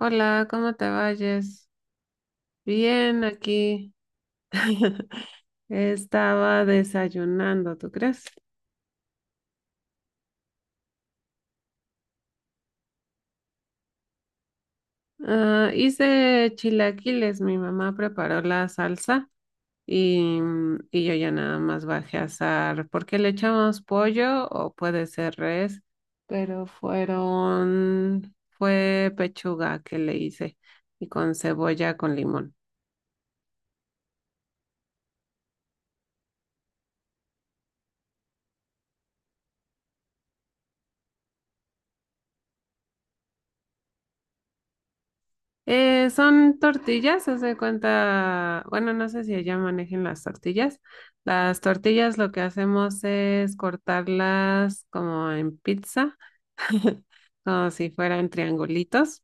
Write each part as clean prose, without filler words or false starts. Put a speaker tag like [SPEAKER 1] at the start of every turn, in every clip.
[SPEAKER 1] Hola, ¿cómo te vayas? Bien, aquí estaba desayunando, ¿tú crees? Ah, hice chilaquiles, mi mamá preparó la salsa y, y yo ya nada más bajé a asar, porque le echamos pollo o puede ser res, pero fue pechuga que le hice y con cebolla con limón. Son tortillas, haz de cuenta, bueno, no sé si allá manejen las tortillas. Las tortillas lo que hacemos es cortarlas como en pizza, como si fueran triangulitos.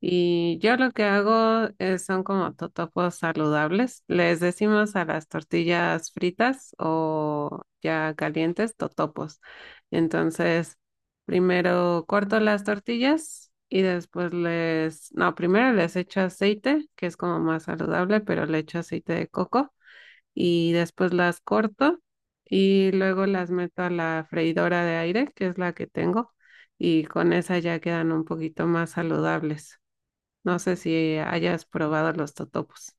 [SPEAKER 1] Y yo lo que hago son como totopos saludables. Les decimos a las tortillas fritas o ya calientes totopos. Entonces, primero corto las tortillas y después les, no, primero les echo aceite, que es como más saludable, pero le echo aceite de coco y después las corto y luego las meto a la freidora de aire, que es la que tengo, y con esa ya quedan un poquito más saludables. No sé si hayas probado los totopos.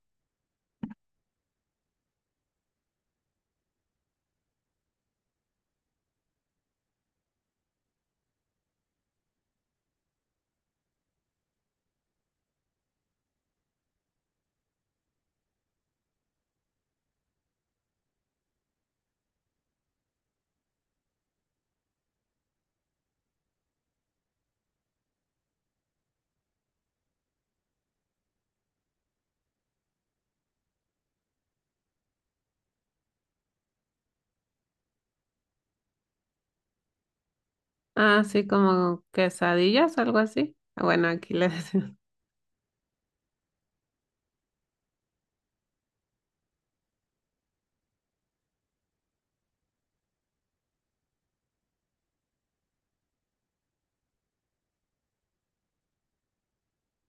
[SPEAKER 1] Ah, sí, como quesadillas, algo así. Ah, bueno, aquí le decimos.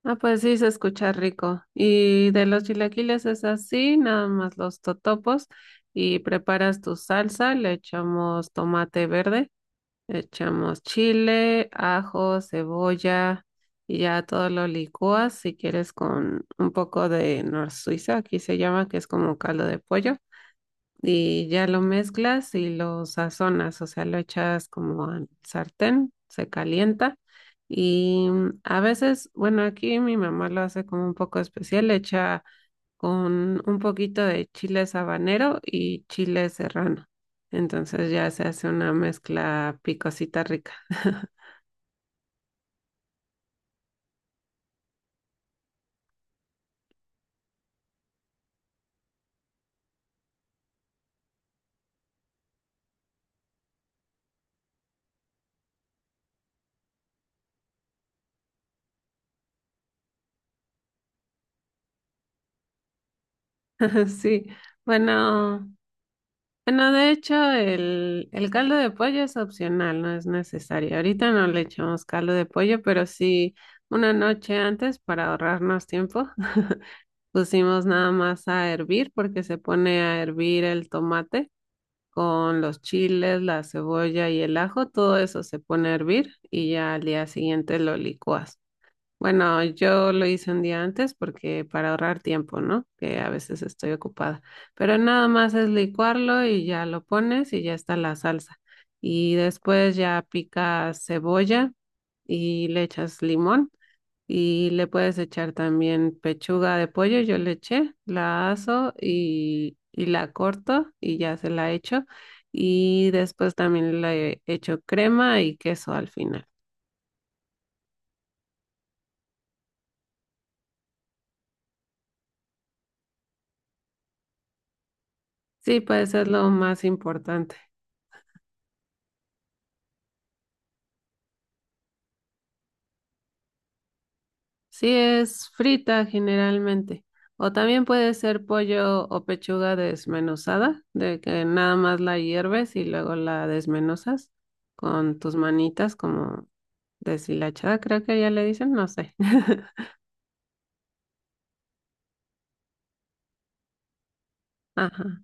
[SPEAKER 1] Ah, pues sí, se escucha rico. Y de los chilaquiles es así, nada más los totopos. Y preparas tu salsa, le echamos tomate verde, le echamos chile, ajo, cebolla y ya todo lo licúas si quieres con un poco de nor Suiza, aquí se llama, que es como caldo de pollo. Y ya lo mezclas y lo sazonas, o sea, lo echas como al sartén, se calienta y a veces, bueno, aquí mi mamá lo hace como un poco especial, le echa con un poquito de chile habanero y chile serrano. Entonces ya se hace una mezcla picosita rica. Sí, bueno. Bueno, de hecho, el caldo de pollo es opcional, no es necesario. Ahorita no le echamos caldo de pollo, pero sí una noche antes para ahorrarnos tiempo, pusimos nada más a hervir porque se pone a hervir el tomate con los chiles, la cebolla y el ajo, todo eso se pone a hervir y ya al día siguiente lo licuas. Bueno, yo lo hice un día antes porque para ahorrar tiempo, ¿no? Que a veces estoy ocupada. Pero nada más es licuarlo y ya lo pones y ya está la salsa. Y después ya picas cebolla y le echas limón y le puedes echar también pechuga de pollo. Yo le eché, la aso y la corto y ya se la echo. Y después también le echo crema y queso al final. Sí, pues es lo más importante. Sí, es frita generalmente. O también puede ser pollo o pechuga desmenuzada, de que nada más la hierves y luego la desmenuzas con tus manitas como deshilachada, creo que ya le dicen, no sé. Ajá.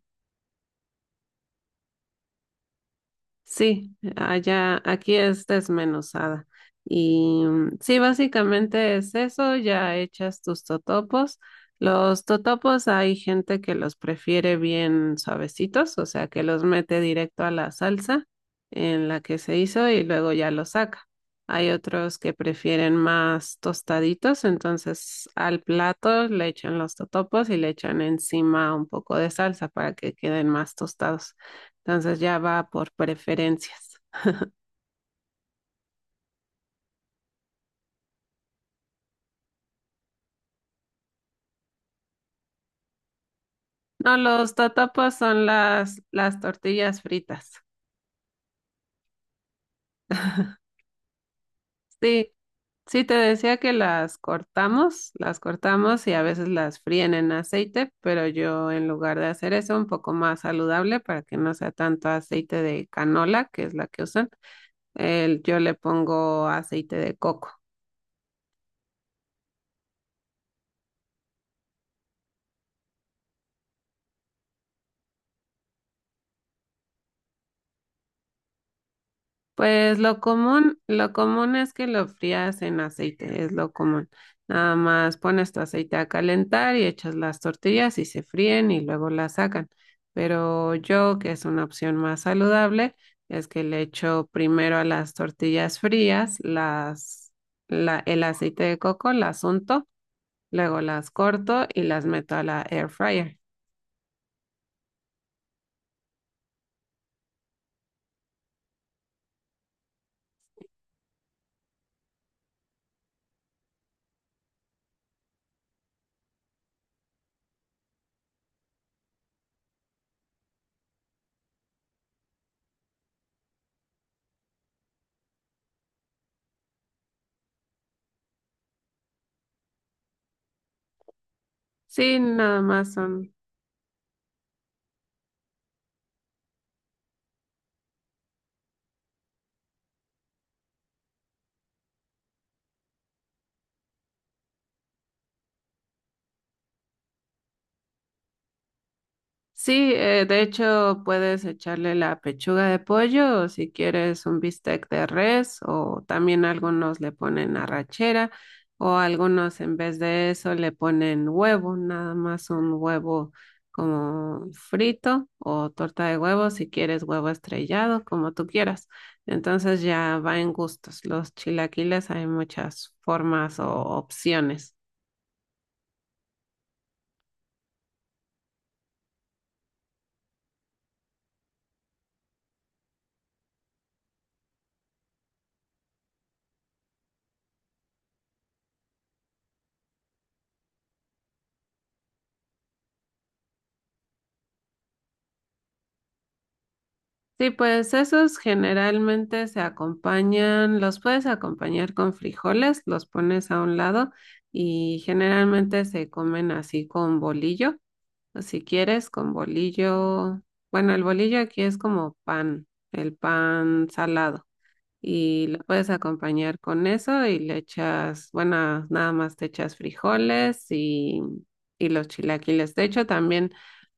[SPEAKER 1] Sí, allá, aquí es desmenuzada. Y sí, básicamente es eso, ya echas tus totopos. Los totopos hay gente que los prefiere bien suavecitos, o sea, que los mete directo a la salsa en la que se hizo y luego ya los saca. Hay otros que prefieren más tostaditos, entonces al plato le echan los totopos y le echan encima un poco de salsa para que queden más tostados. Entonces ya va por preferencias. No, los totopos son las tortillas fritas. Sí, sí te decía que las cortamos y a veces las fríen en aceite, pero yo en lugar de hacer eso un poco más saludable para que no sea tanto aceite de canola, que es la que usan, yo le pongo aceite de coco. Pues lo común es que lo frías en aceite, es lo común. Nada más pones tu aceite a calentar y echas las tortillas y se fríen y luego las sacan. Pero yo, que es una opción más saludable, es que le echo primero a las tortillas frías, el aceite de coco, las unto, luego las corto y las meto a la air fryer. Sí, nada más son. Sí, de hecho puedes echarle la pechuga de pollo o si quieres un bistec de res o también algunos le ponen arrachera o algunos en vez de eso le ponen huevo, nada más un huevo como frito o torta de huevo si quieres huevo estrellado, como tú quieras. Entonces ya va en gustos. Los chilaquiles hay muchas formas o opciones. Sí, pues esos generalmente se acompañan, los puedes acompañar con frijoles, los pones a un lado y generalmente se comen así con bolillo, o si quieres con bolillo, bueno, el bolillo aquí es como pan, el pan salado y lo puedes acompañar con eso y le echas, bueno, nada más te echas frijoles y los chilaquiles. De hecho, también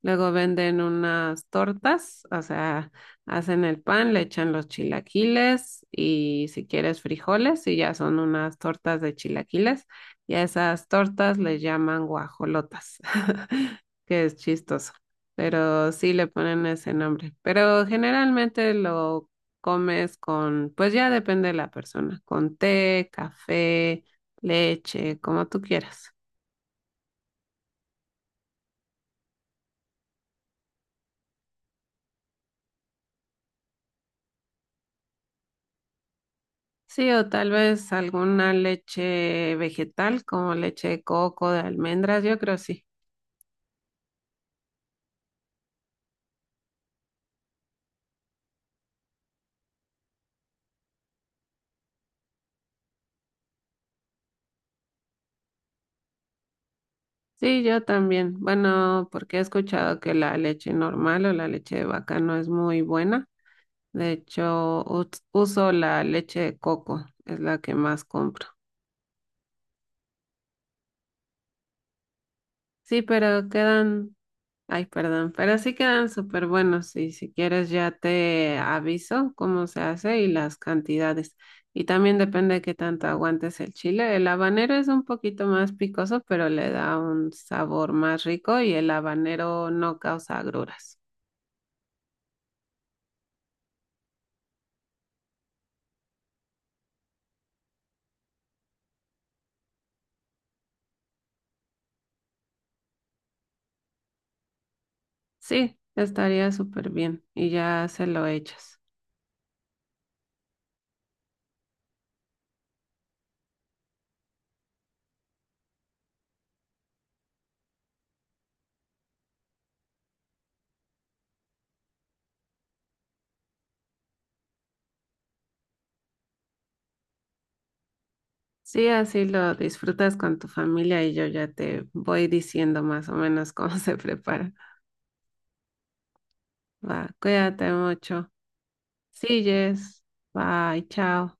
[SPEAKER 1] luego venden unas tortas, o sea, hacen el pan, le echan los chilaquiles y si quieres frijoles y ya son unas tortas de chilaquiles y a esas tortas les llaman guajolotas, que es chistoso. Pero sí le ponen ese nombre. Pero generalmente lo comes con, pues ya depende de la persona, con té, café, leche, como tú quieras. Sí, o tal vez alguna leche vegetal, como leche de coco, de almendras, yo creo sí. Sí, yo también. Bueno, porque he escuchado que la leche normal o la leche de vaca no es muy buena. De hecho, uso la leche de coco, es la que más compro. Sí, pero quedan. Ay, perdón, pero sí quedan súper buenos y si quieres ya te aviso cómo se hace y las cantidades. Y también depende de qué tanto aguantes el chile. El habanero es un poquito más picoso, pero le da un sabor más rico y el habanero no causa agruras. Sí, estaría súper bien y ya se lo echas. Sí, así lo disfrutas con tu familia y yo ya te voy diciendo más o menos cómo se prepara. Va, cuídate mucho. Sí, Jess. Bye, chao.